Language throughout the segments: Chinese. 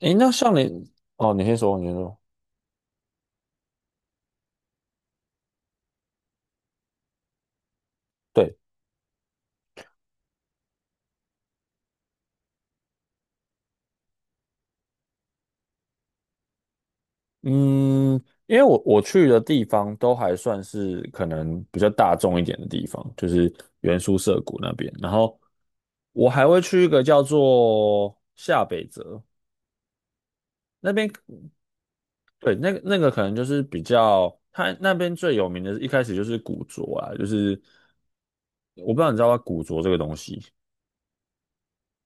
诶，那像你，哦，你先说，你先说。对，嗯，因为我去的地方都还算是可能比较大众一点的地方，就是原宿涩谷那边。然后我还会去一个叫做下北泽那边，对，那个可能就是比较，它那边最有名的，一开始就是古着啊，就是我不知道你知道吧，古着这个东西，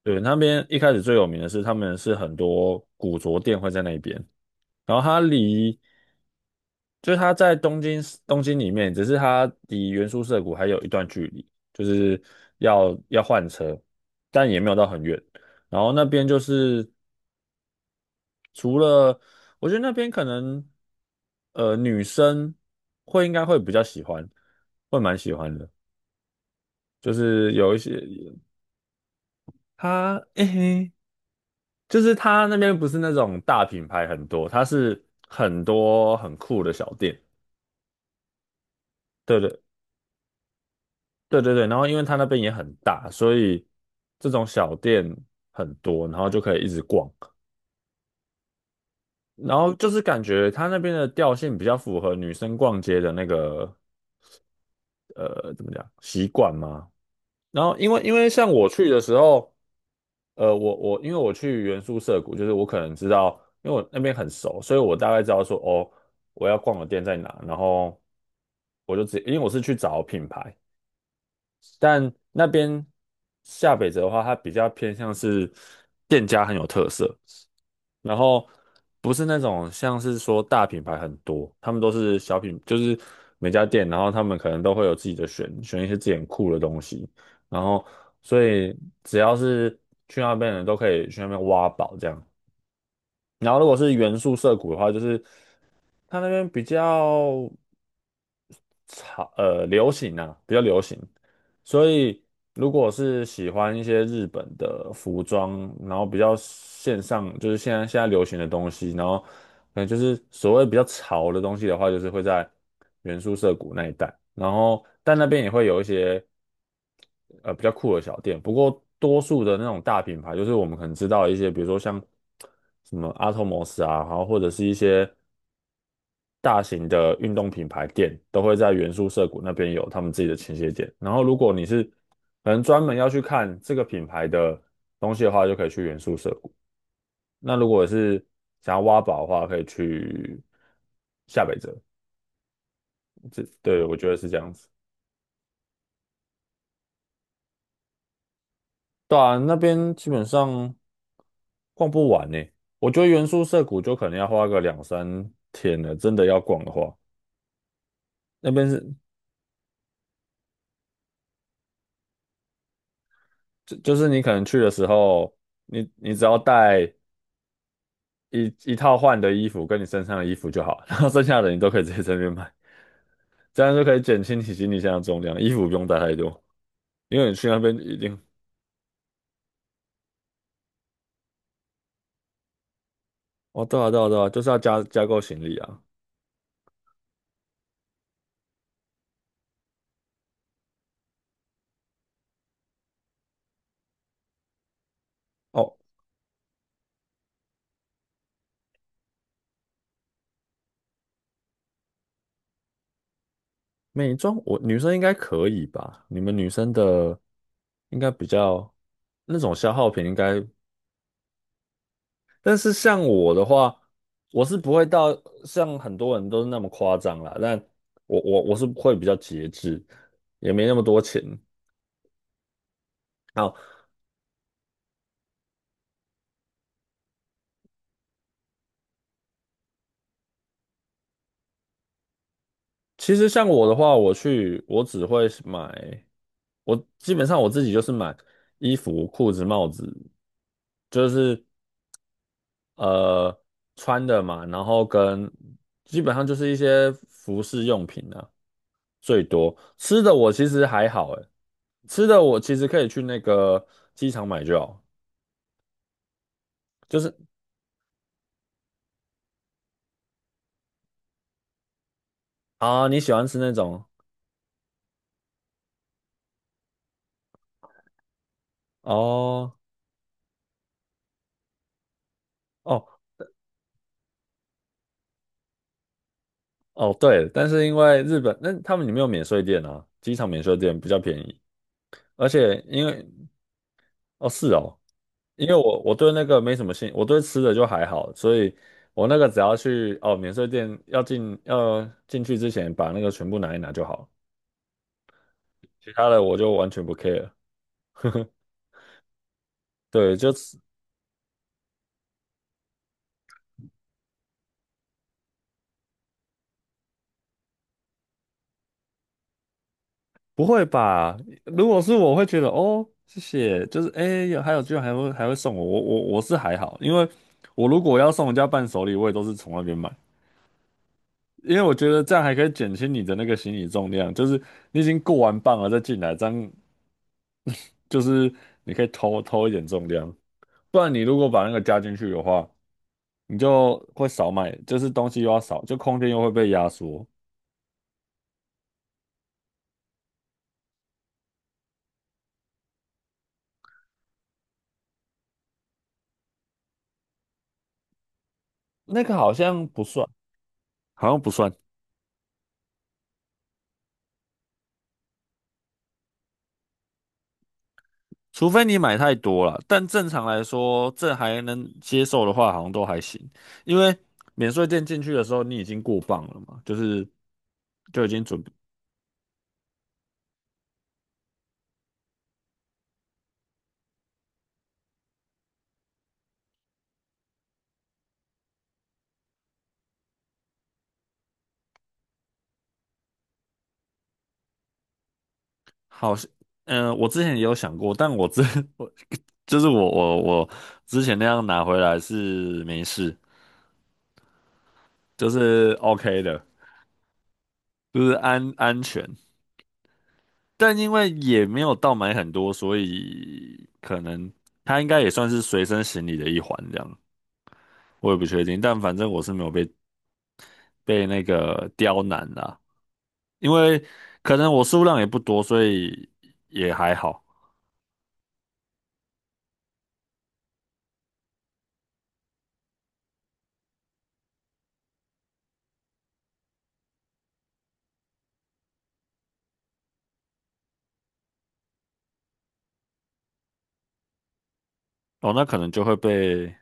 对，那边一开始最有名的是他们是很多古着店会在那边。然后它离就是它在东京里面，只是它离原宿涩谷还有一段距离，就是要换车，但也没有到很远。然后那边就是除了，我觉得那边可能女生会应该会比较喜欢，会蛮喜欢的，就是有一些它诶、嘿就是它那边不是那种大品牌很多，它是很多很酷的小店。对对对对对，然后因为它那边也很大，所以这种小店很多，然后就可以一直逛。然后就是感觉它那边的调性比较符合女生逛街的那个怎么讲习惯嘛。然后因为像我去的时候，我因为我去原宿涩谷，就是我可能知道，因为我那边很熟，所以我大概知道说哦，我要逛的店在哪，然后我就直接因为我是去找品牌。但那边下北泽的话，它比较偏向是店家很有特色，然后不是那种像是说大品牌很多，他们都是小品，就是每家店，然后他们可能都会有自己的选，选一些自己很酷的东西，然后所以只要是去那边的人都可以去那边挖宝这样。然后如果是元素涩谷的话，就是它那边比较。潮流行啊，比较流行。所以如果是喜欢一些日本的服装，然后比较线上，就是现在流行的东西，然后可能就是所谓比较潮的东西的话，就是会在原宿涩谷那一带。然后但那边也会有一些比较酷的小店，不过多数的那种大品牌，就是我们可能知道一些，比如说像什么阿托摩斯啊，然后或者是一些。大型的运动品牌店都会在原宿涩谷那边有他们自己的倾斜点。然后，如果你是可能专门要去看这个品牌的东西的话，就可以去原宿涩谷。那如果是想要挖宝的话，可以去下北泽。这对我觉得是这样子。对啊，那边基本上逛不完呢。我觉得原宿涩谷就可能要花个两三天了，真的要逛的话，那边是就就是你可能去的时候，你只要带一套换的衣服跟你身上的衣服就好，然后剩下的你都可以直接在那边买，这样就可以减轻你行李箱的重量，衣服不用带太多，因为你去那边一定哦，对啊对啊对啊，就是要加购行李啊。哦，美妆我女生应该可以吧？你们女生的应该比较那种消耗品应该，但是像我的话，我是不会到像很多人都是那么夸张啦，但我是会比较节制，也没那么多钱。好，其实像我的话，我去我只会是买，我基本上我自己就是买衣服、裤子、帽子，就是呃穿的嘛，然后跟基本上就是一些服饰用品啊，最多吃的我其实还好，诶，吃的我其实可以去那个机场买就好，就是啊你喜欢吃那种哦哦哦对，但是因为日本那他们里面有免税店啊，机场免税店比较便宜。而且因为哦，是哦，因为我对那个没什么兴，我对吃的就还好，所以我那个只要去哦免税店要进去之前把那个全部拿一拿就好，其他的我就完全不 care。对，就是不会吧？如果是我会觉得哦，谢谢，就是哎，诶有还有居然还会还会送我，我是还好，因为我如果要送人家伴手礼，我也都是从那边买，因为我觉得这样还可以减轻你的那个行李重量，就是你已经过完磅了再进来，这样就是你可以偷偷一点重量，不然你如果把那个加进去的话，你就会少买，就是东西又要少，就空间又会被压缩。那个好像不算，好像不算，除非你买太多了。但正常来说，这还能接受的话，好像都还行，因为免税店进去的时候，你已经过磅了嘛，就是就已经准备好像。嗯、我之前也有想过，但我之 我就是我之前那样拿回来是没事，就是 OK 的，就是安全。但因为也没有到买很多，所以可能它应该也算是随身行李的一环这样，我也不确定。但反正我是没有被那个刁难啦，因为可能我数量也不多，所以也还好。哦，那可能就会被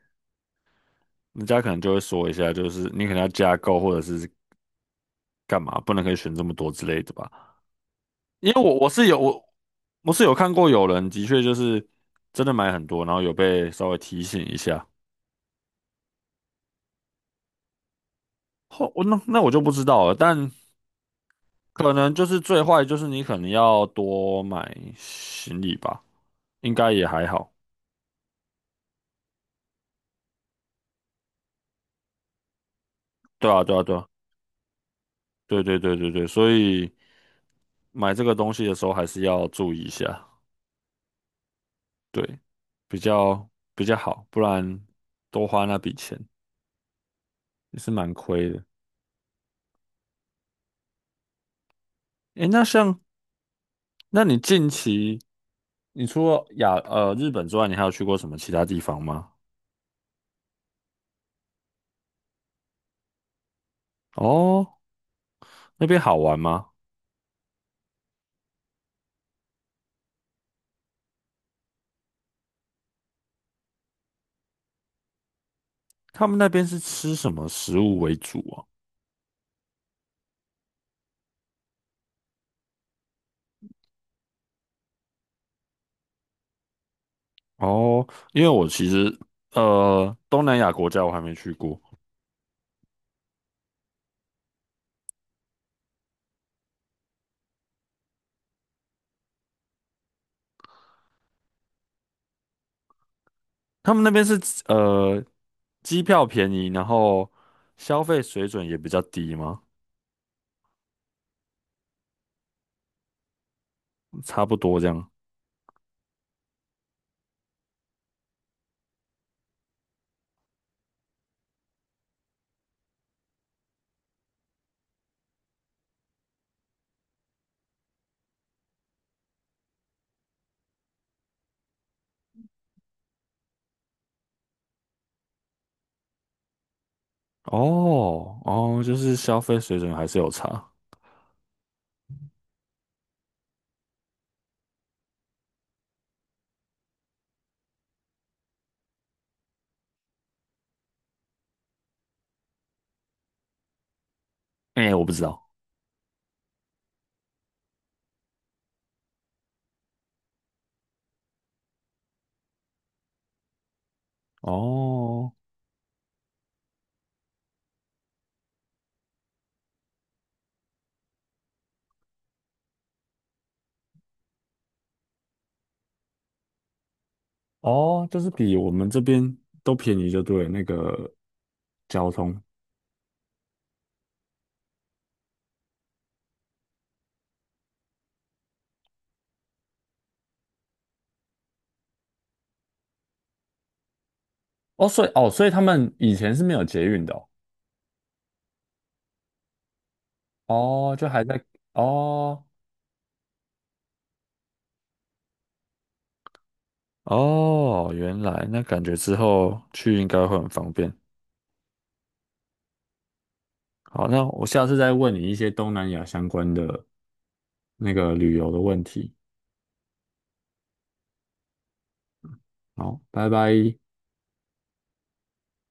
人家可能就会说一下，就是你可能要加购或者是干嘛，不能可以选这么多之类的吧。因为我是有我是有看过有人的确就是真的买很多，然后有被稍微提醒一下。后我那我就不知道了，但可能就是最坏就是你可能要多买行李吧，应该也还好。对啊，对啊，对啊，对对对对对，所以买这个东西的时候还是要注意一下，对，比较比较好，不然多花那笔钱也是蛮亏的。诶，那像那你近期，你除了日本之外，你还有去过什么其他地方吗？哦，那边好玩吗？他们那边是吃什么食物为主啊？哦，因为我其实东南亚国家我还没去过，他们那边是呃机票便宜，然后消费水准也比较低吗？差不多这样。哦哦，就是消费水准还是有差。哎、我不知道。哦。哦，就是比我们这边都便宜，就对了那个交通。哦，所以哦，所以他们以前是没有捷运的哦，哦，就还在哦哦，原来那感觉之后去应该会很方便。好，那我下次再问你一些东南亚相关的那个旅游的问题。好，拜拜。